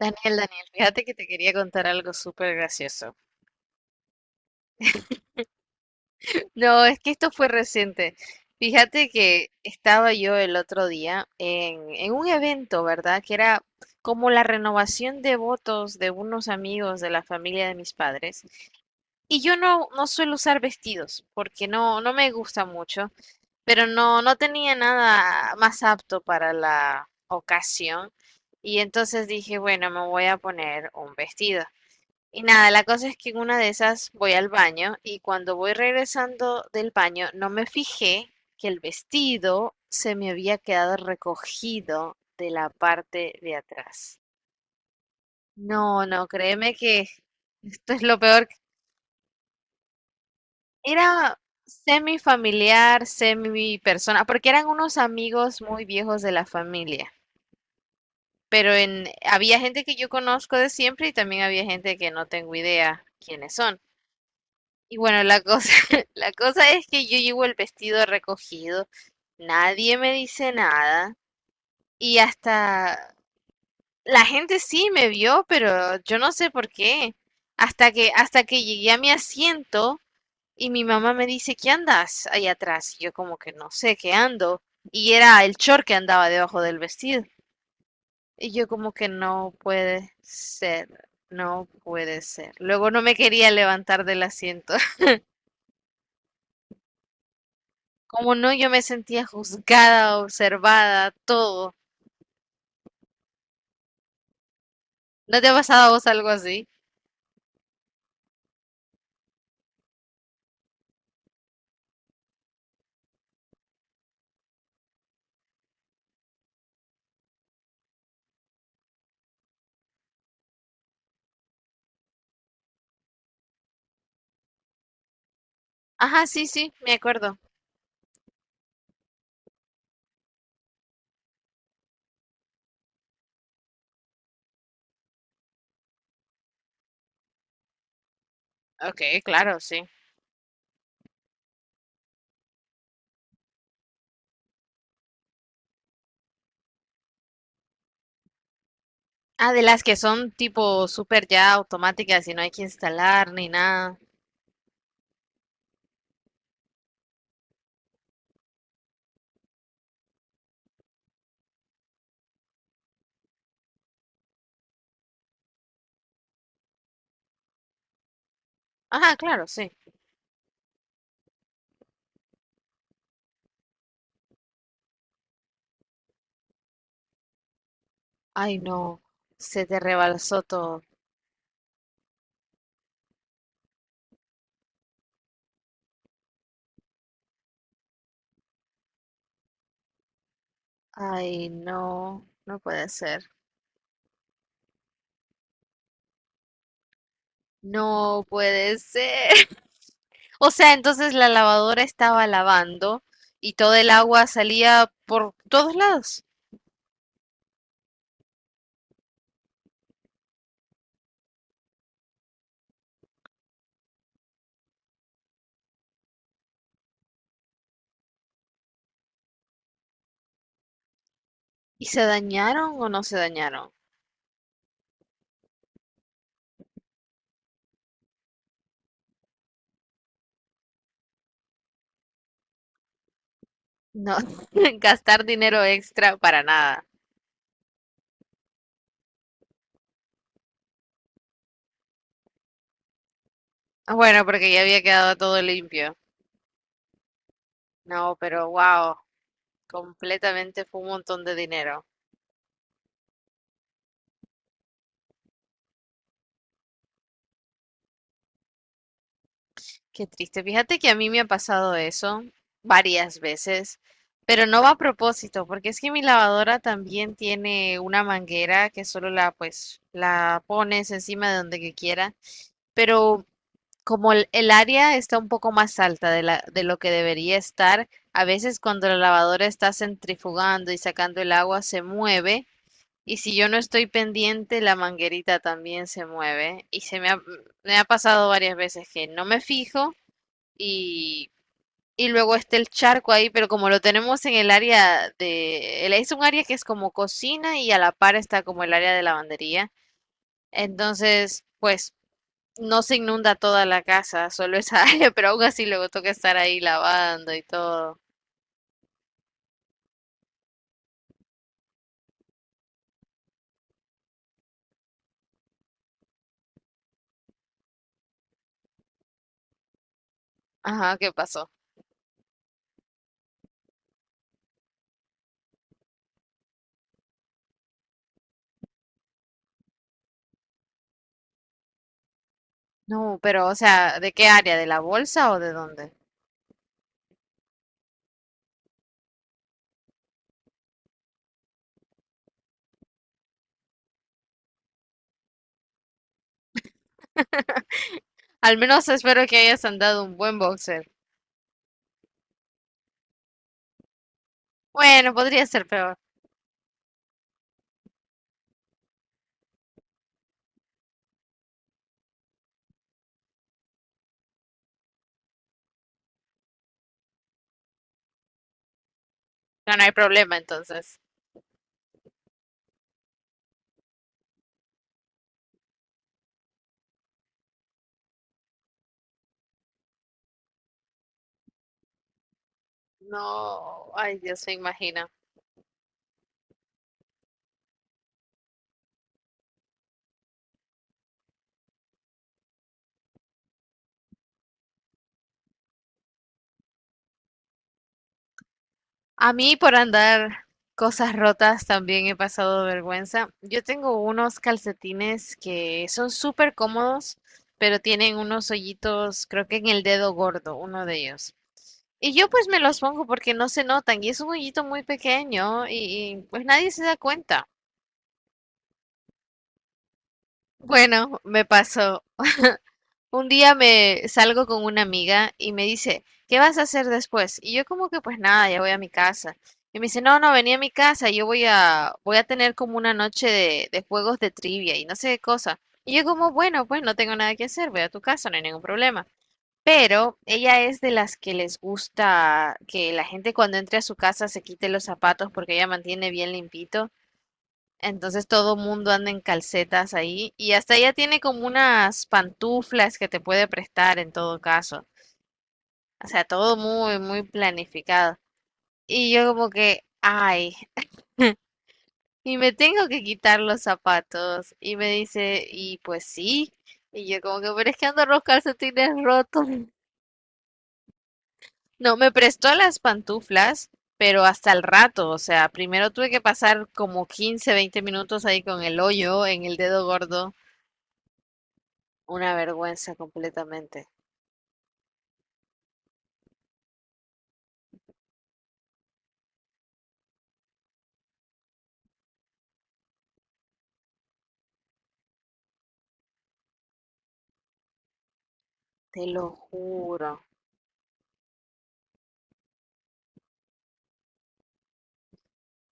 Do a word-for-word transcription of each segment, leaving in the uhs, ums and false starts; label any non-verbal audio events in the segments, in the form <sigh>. Daniel, Daniel, fíjate que te quería contar algo súper gracioso. No, es que esto fue reciente. Fíjate que estaba yo el otro día en, en un evento, ¿verdad? Que era como la renovación de votos de unos amigos de la familia de mis padres. Y yo no, no suelo usar vestidos porque no, no me gusta mucho, pero no, no tenía nada más apto para la ocasión. Y entonces dije, bueno, me voy a poner un vestido. Y nada, la cosa es que en una de esas voy al baño y cuando voy regresando del baño no me fijé que el vestido se me había quedado recogido de la parte de atrás. No, no, créeme que esto es lo peor. Era semi familiar, semi persona, porque eran unos amigos muy viejos de la familia. Pero en, había gente que yo conozco de siempre y también había gente que no tengo idea quiénes son. Y bueno, la cosa, <laughs> la cosa es que yo llevo el vestido recogido, nadie me dice nada y hasta la gente sí me vio, pero yo no sé por qué. Hasta que, hasta que llegué a mi asiento y mi mamá me dice, ¿qué andas ahí atrás? Y yo como que no sé qué ando. Y era el short que andaba debajo del vestido. Y yo como que no puede ser, no puede ser. Luego no me quería levantar del asiento. Como no, yo me sentía juzgada, observada, todo. ¿No te ha pasado a vos algo así? Ajá, sí, sí, me acuerdo. Ok, claro, sí. Ah, de las que son tipo súper ya automáticas y no hay que instalar ni nada. Ajá, claro, sí. Ay, no, se te rebalsó todo. Ay, no, no puede ser. No puede ser. <laughs> O sea, entonces la lavadora estaba lavando y todo el agua salía por todos lados. ¿Y se dañaron o no se dañaron? No, <laughs> gastar dinero extra para nada. Ah, bueno, porque ya había quedado todo limpio. No, pero wow, completamente fue un montón de dinero. Qué triste. Fíjate que a mí me ha pasado eso varias veces, pero no va a propósito, porque es que mi lavadora también tiene una manguera que solo la pues la pones encima de donde que quiera, pero como el, el área está un poco más alta de la, de lo que debería estar, a veces cuando la lavadora está centrifugando y sacando el agua se mueve y si yo no estoy pendiente la manguerita también se mueve y se me ha, me ha pasado varias veces que no me fijo y, y luego está el charco ahí, pero como lo tenemos en el área de, el- es un área que es como cocina y a la par está como el área de lavandería, entonces pues no se inunda toda la casa, solo esa <laughs> área, pero aún así luego toca estar ahí lavando y todo. Ajá, ¿qué pasó? No, pero, o sea, ¿de qué área? ¿De la bolsa o de dónde? Al menos espero que hayas andado un buen boxer. Bueno, podría ser peor. No, no hay problema entonces. No, ay Dios, se imagina. A mí por andar cosas rotas también he pasado vergüenza. Yo tengo unos calcetines que son súper cómodos, pero tienen unos hoyitos, creo que en el dedo gordo, uno de ellos. Y yo pues me los pongo porque no se notan y es un hoyito muy pequeño y, y, pues nadie se da cuenta. Bueno, me pasó. Un día me salgo con una amiga y me dice, ¿qué vas a hacer después? Y yo como que pues nada, ya voy a mi casa. Y me dice, no, no, vení a mi casa, yo voy a, voy a tener como una noche de, de juegos de trivia y no sé qué cosa. Y yo como, bueno, pues no tengo nada que hacer, voy a tu casa, no hay ningún problema. Pero ella es de las que les gusta que la gente cuando entre a su casa se quite los zapatos porque ella mantiene bien limpito. Entonces todo mundo anda en calcetas ahí y hasta ella tiene como unas pantuflas que te puede prestar en todo caso. O sea, todo muy, muy planificado. Y yo como que, ay, <laughs> y me tengo que quitar los zapatos. Y me dice, y pues sí. Y yo como que, pero es que ando los calcetines rotos. No, me prestó las pantuflas, pero hasta el rato. O sea, primero tuve que pasar como quince, veinte minutos ahí con el hoyo en el dedo gordo. Una vergüenza completamente, te lo juro.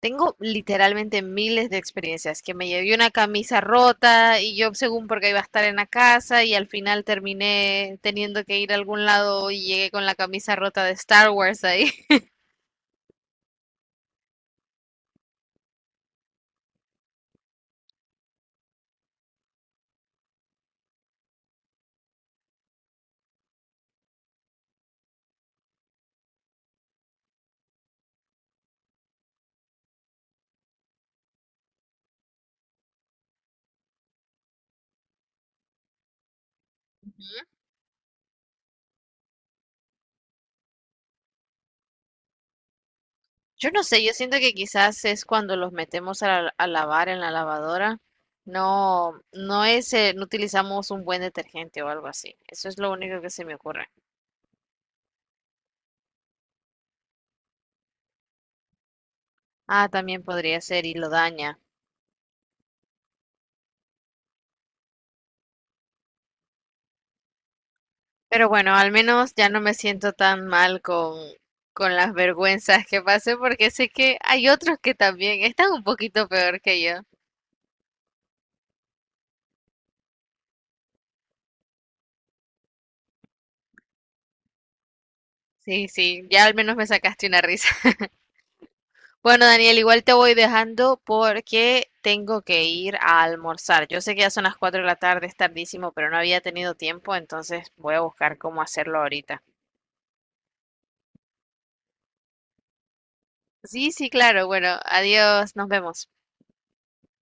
Tengo literalmente miles de experiencias, que me llevé una camisa rota y yo según porque iba a estar en la casa y al final terminé teniendo que ir a algún lado y llegué con la camisa rota de Star Wars ahí. <laughs> Yo no sé, yo siento que quizás es cuando los metemos a, la- a lavar en la lavadora. No, no es, eh, no utilizamos un buen detergente o algo así. Eso es lo único que se me ocurre. Ah, también podría ser y lo daña. Pero bueno, al menos ya no me siento tan mal con, con las vergüenzas que pasé porque sé que hay otros que también están un poquito peor que yo. Sí, sí, ya al menos me sacaste una risa. <laughs> Bueno, Daniel, igual te voy dejando porque tengo que ir a almorzar. Yo sé que ya son las cuatro de la tarde, es tardísimo, pero no había tenido tiempo, entonces voy a buscar cómo hacerlo ahorita. Sí, sí, claro. Bueno, adiós, nos vemos.